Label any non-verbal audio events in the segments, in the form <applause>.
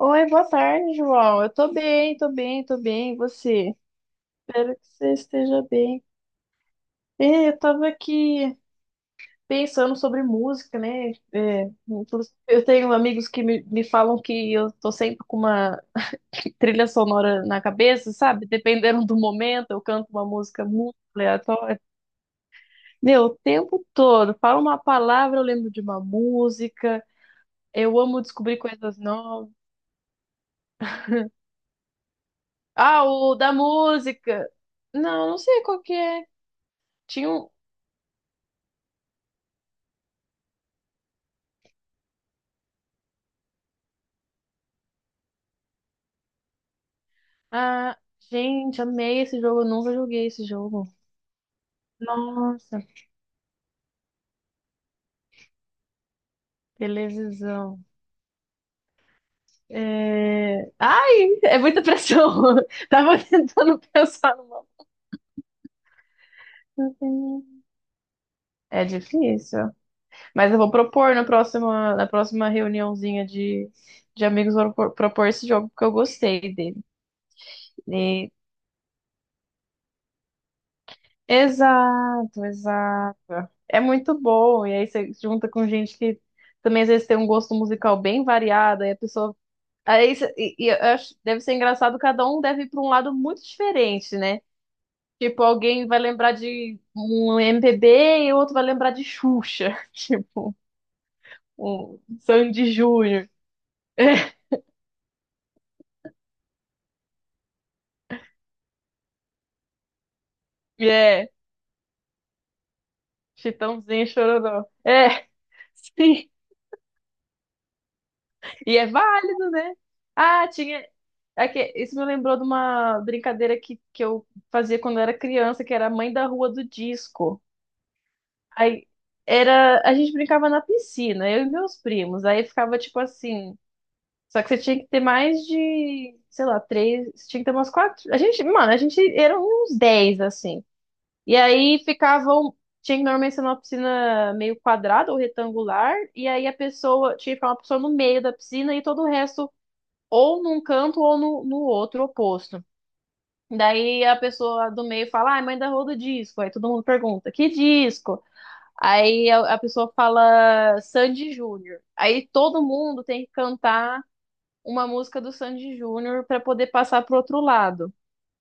Oi, boa tarde, João. Eu tô bem, tô bem. E você? Espero que você esteja bem. Eu tava aqui pensando sobre música, né? Inclusive, eu tenho amigos que me falam que eu tô sempre com uma trilha sonora na cabeça, sabe? Dependendo do momento, eu canto uma música muito aleatória. Meu, o tempo todo, falo uma palavra, eu lembro de uma música. Eu amo descobrir coisas novas. Ah, o da música! Não, não sei qual que é. Tinha um. Ah, gente, amei esse jogo. Eu nunca joguei esse jogo. Nossa, televisão. Ai, é muita pressão. <laughs> Tava tentando pensar numa. É difícil. Mas eu vou propor na próxima reuniãozinha de amigos, vou propor, propor esse jogo, porque eu gostei dele. E- Exato, exato. É muito bom. E aí você junta com gente que também às vezes tem um gosto musical bem variado, aí a pessoa. Eu acho, deve ser engraçado, cada um deve ir para um lado muito diferente, né? Tipo, alguém vai lembrar de um MPB e o outro vai lembrar de Xuxa. <laughs> Tipo, um Sandy Júnior. <laughs> É, é, Chitãozinho e Chororó. É, <laughs> sim. E é válido, né? Ah, tinha. É que isso me lembrou de uma brincadeira que eu fazia quando eu era criança, que era a mãe da rua do disco. Aí era, a gente brincava na piscina, eu e meus primos. Aí ficava tipo assim, só que você tinha que ter mais de, sei lá, três, você tinha que ter umas quatro. A gente, mano, a gente eram uns dez assim. E aí ficavam, tinha que normalmente ser uma piscina meio quadrada ou retangular, e aí a pessoa tinha que ficar uma pessoa no meio da piscina e todo o resto ou num canto ou no outro oposto. Daí a pessoa do meio fala, ai, mãe da roda disco. Aí todo mundo pergunta, que disco? Aí a pessoa fala Sandy Júnior. Aí todo mundo tem que cantar uma música do Sandy Júnior para poder passar pro outro lado.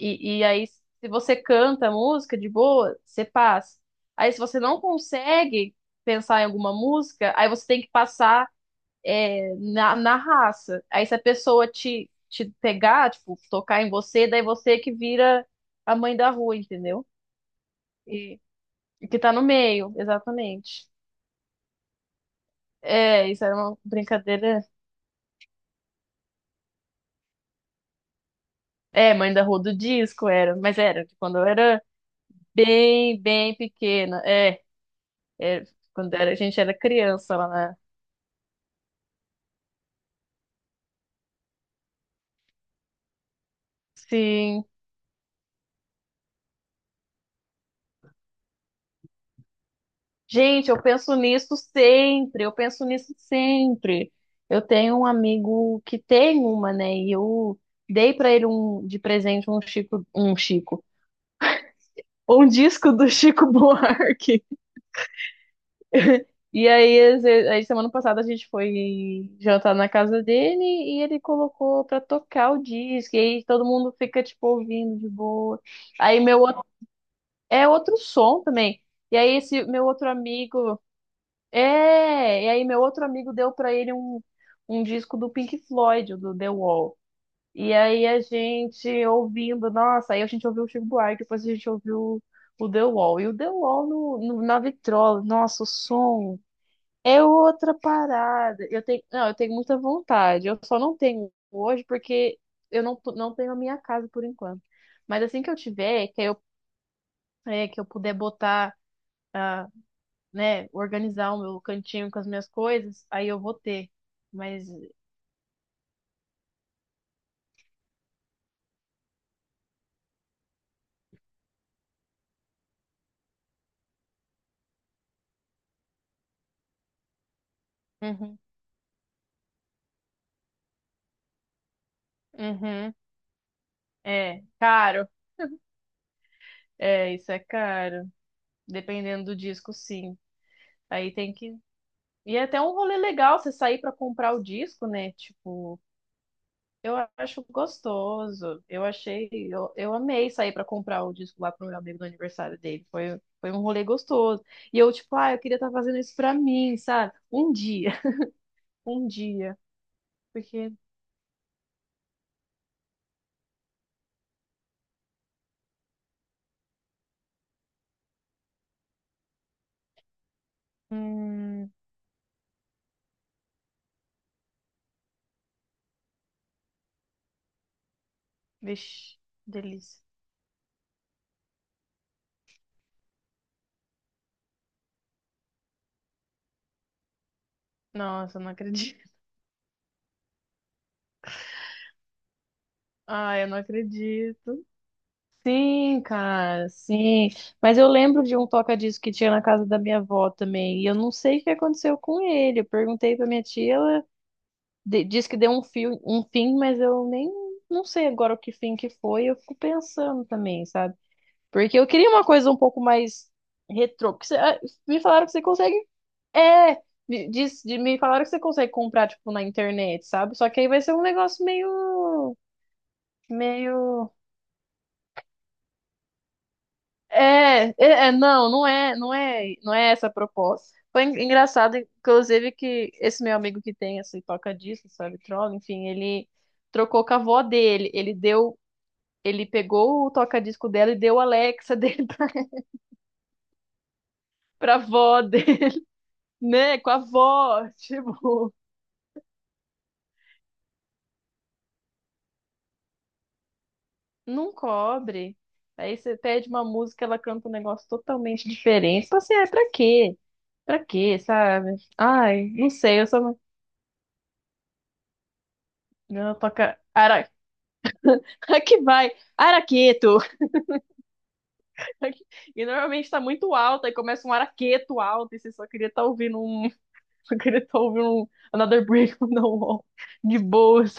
E aí, se você canta a música de boa, você passa. Aí, se você não consegue pensar em alguma música, aí você tem que passar na raça. Aí, se a pessoa te pegar, tipo, tocar em você, daí você que vira a mãe da rua, entendeu? E, que tá no meio, exatamente. É, isso era uma brincadeira. É, mãe da rua do disco era, mas era de quando eu era bem pequena. É, quando era, a gente era criança lá na. Sim. Gente, eu penso nisso sempre. Eu tenho um amigo que tem uma, né? E eu dei pra ele um de presente um Chico, um disco do <laughs> Chico Buarque. E aí, semana passada a gente foi jantar na casa dele e ele colocou pra tocar o disco. E aí todo mundo fica, tipo, ouvindo de boa. Aí meu outro, é outro som também. E aí esse meu outro amigo, e aí meu outro amigo deu pra ele um, um disco do Pink Floyd, do The Wall. E aí a gente ouvindo, nossa, aí a gente ouviu o Chico Buarque, depois a gente ouviu o The Wall. E o The Wall na vitrola, nossa, o som. É outra parada. Eu tenho, não, eu tenho muita vontade. Eu só não tenho hoje porque eu não, tô- não tenho a minha casa por enquanto. Mas assim que eu tiver, que eu puder botar, ah, né, organizar o meu cantinho com as minhas coisas, aí eu vou ter. Mas, uhum, uhum, é caro. É, isso é caro. Dependendo do disco, sim. Aí tem que. E é até um rolê legal você sair pra comprar o disco, né? Tipo. Eu acho gostoso. Eu amei sair pra comprar o disco lá pro meu amigo no aniversário dele. Foi um rolê gostoso. E eu, tipo, ah, eu queria estar fazendo isso pra mim, sabe? Um dia, <laughs> um dia. Porque, hum, vixe, delícia. Nossa, eu não acredito. <laughs> Ah, eu não acredito. Sim, cara, sim. Mas eu lembro de um toca-disco que tinha na casa da minha avó também. E eu não sei o que aconteceu com ele. Eu perguntei pra minha tia, ela diz que deu um fim, mas eu nem não sei agora o que fim que foi. Eu fico pensando também, sabe? Porque eu queria uma coisa um pouco mais retrô. Me falaram que você consegue. É, me falaram que você consegue comprar, tipo, na internet, sabe? Só que aí vai ser um negócio meio. Não é essa a proposta. Foi engraçado, inclusive, que esse meu amigo que tem esse toca-disco, sabe, troll, enfim, ele trocou com a avó dele. Ele pegou o toca-disco dela e deu a Alexa <laughs> dele pra, pra avó dele, né? Com a avó, <laughs> tipo, não cobre. Aí você pede uma música, ela canta um negócio totalmente diferente. Tipo assim, ah, pra quê? Pra quê, sabe? Ai, não sei, eu só não. Não, toca. Ara... <laughs> Aqui vai, araqueto. <laughs> E normalmente tá muito alto, aí começa um araqueto alto, e você só queria estar tá ouvindo um. <laughs> Só queria estar tá ouvindo um Another Brick on the <laughs> Wall. De boas.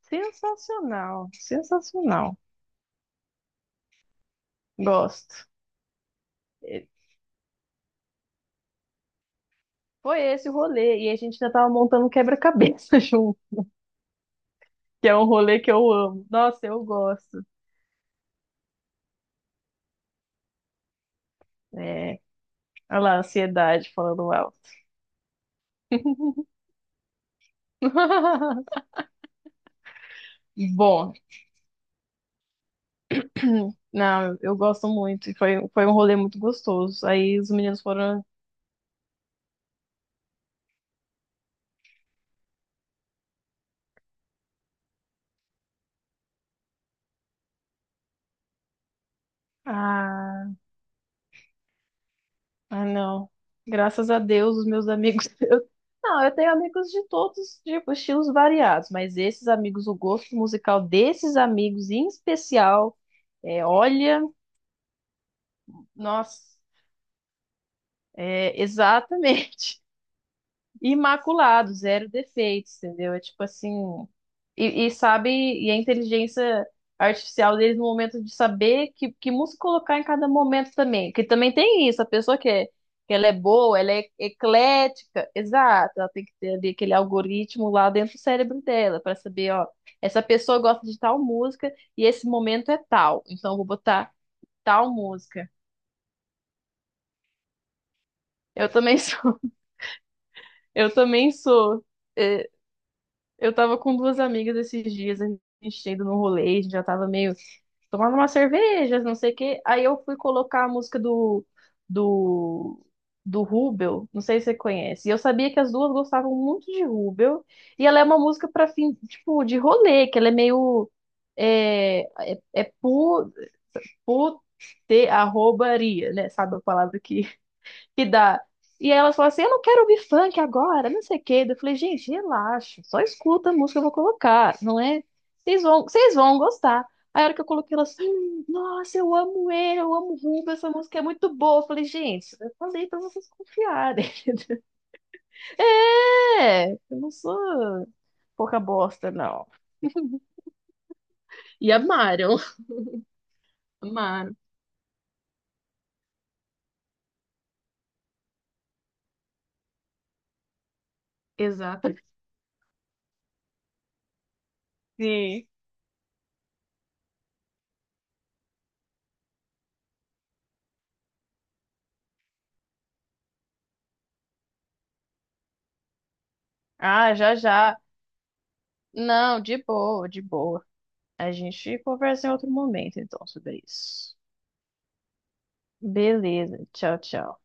Sensacional, sensacional. Gosto. E foi esse o rolê. E a gente já tava montando um quebra-cabeça <laughs> junto, que é um rolê que eu amo. Nossa, eu gosto. É, olha lá, ansiedade falando alto. <laughs> Bom, <clears throat> não, eu gosto muito. E foi, foi um rolê muito gostoso. Aí os meninos foram. Ah, Ah, não. Graças a Deus, os meus amigos. <laughs> Eu... Não, eu tenho amigos de todos os tipos, estilos variados, mas esses amigos, o gosto musical desses amigos em especial, é, olha, nossa, é, exatamente. <laughs> Imaculado, zero defeitos, entendeu? É tipo assim, sabe, e a inteligência artificial deles no momento de saber que música colocar em cada momento também, que também tem isso, a pessoa que é, que ela é boa, ela é eclética, exato, ela tem que ter ali aquele algoritmo lá dentro do cérebro dela para saber, ó, essa pessoa gosta de tal música e esse momento é tal, então eu vou botar tal música. Eu também <laughs> sou. é, Eu tava com duas amigas esses dias, a gente tinha ido no rolê, a gente já tava meio tomando uma cervejas, não sei o quê. Aí eu fui colocar a música do, do Rubel, não sei se você conhece. E eu sabia que as duas gostavam muito de Rubel. E ela é uma música pra fim, tipo, de rolê, que ela é meio. É, é, é pu, pu, arrobaria, né? Sabe a palavra que dá. E aí elas falam assim, eu não quero ouvir funk agora, não sei o quê. Eu falei, gente, relaxa, só escuta a música que eu vou colocar, não é? Vocês vão gostar. Aí a hora que eu coloquei elas, nossa, eu amo ele, eu amo o Rubens, essa música é muito boa. Eu falei, gente, eu falei pra vocês confiarem. <laughs> É, eu não sou pouca bosta, não. E amaram. Amaram. Exato. Sim. Ah, já, já. Não, de boa, de boa. A gente conversa em outro momento, então, sobre isso. Beleza. Tchau, tchau.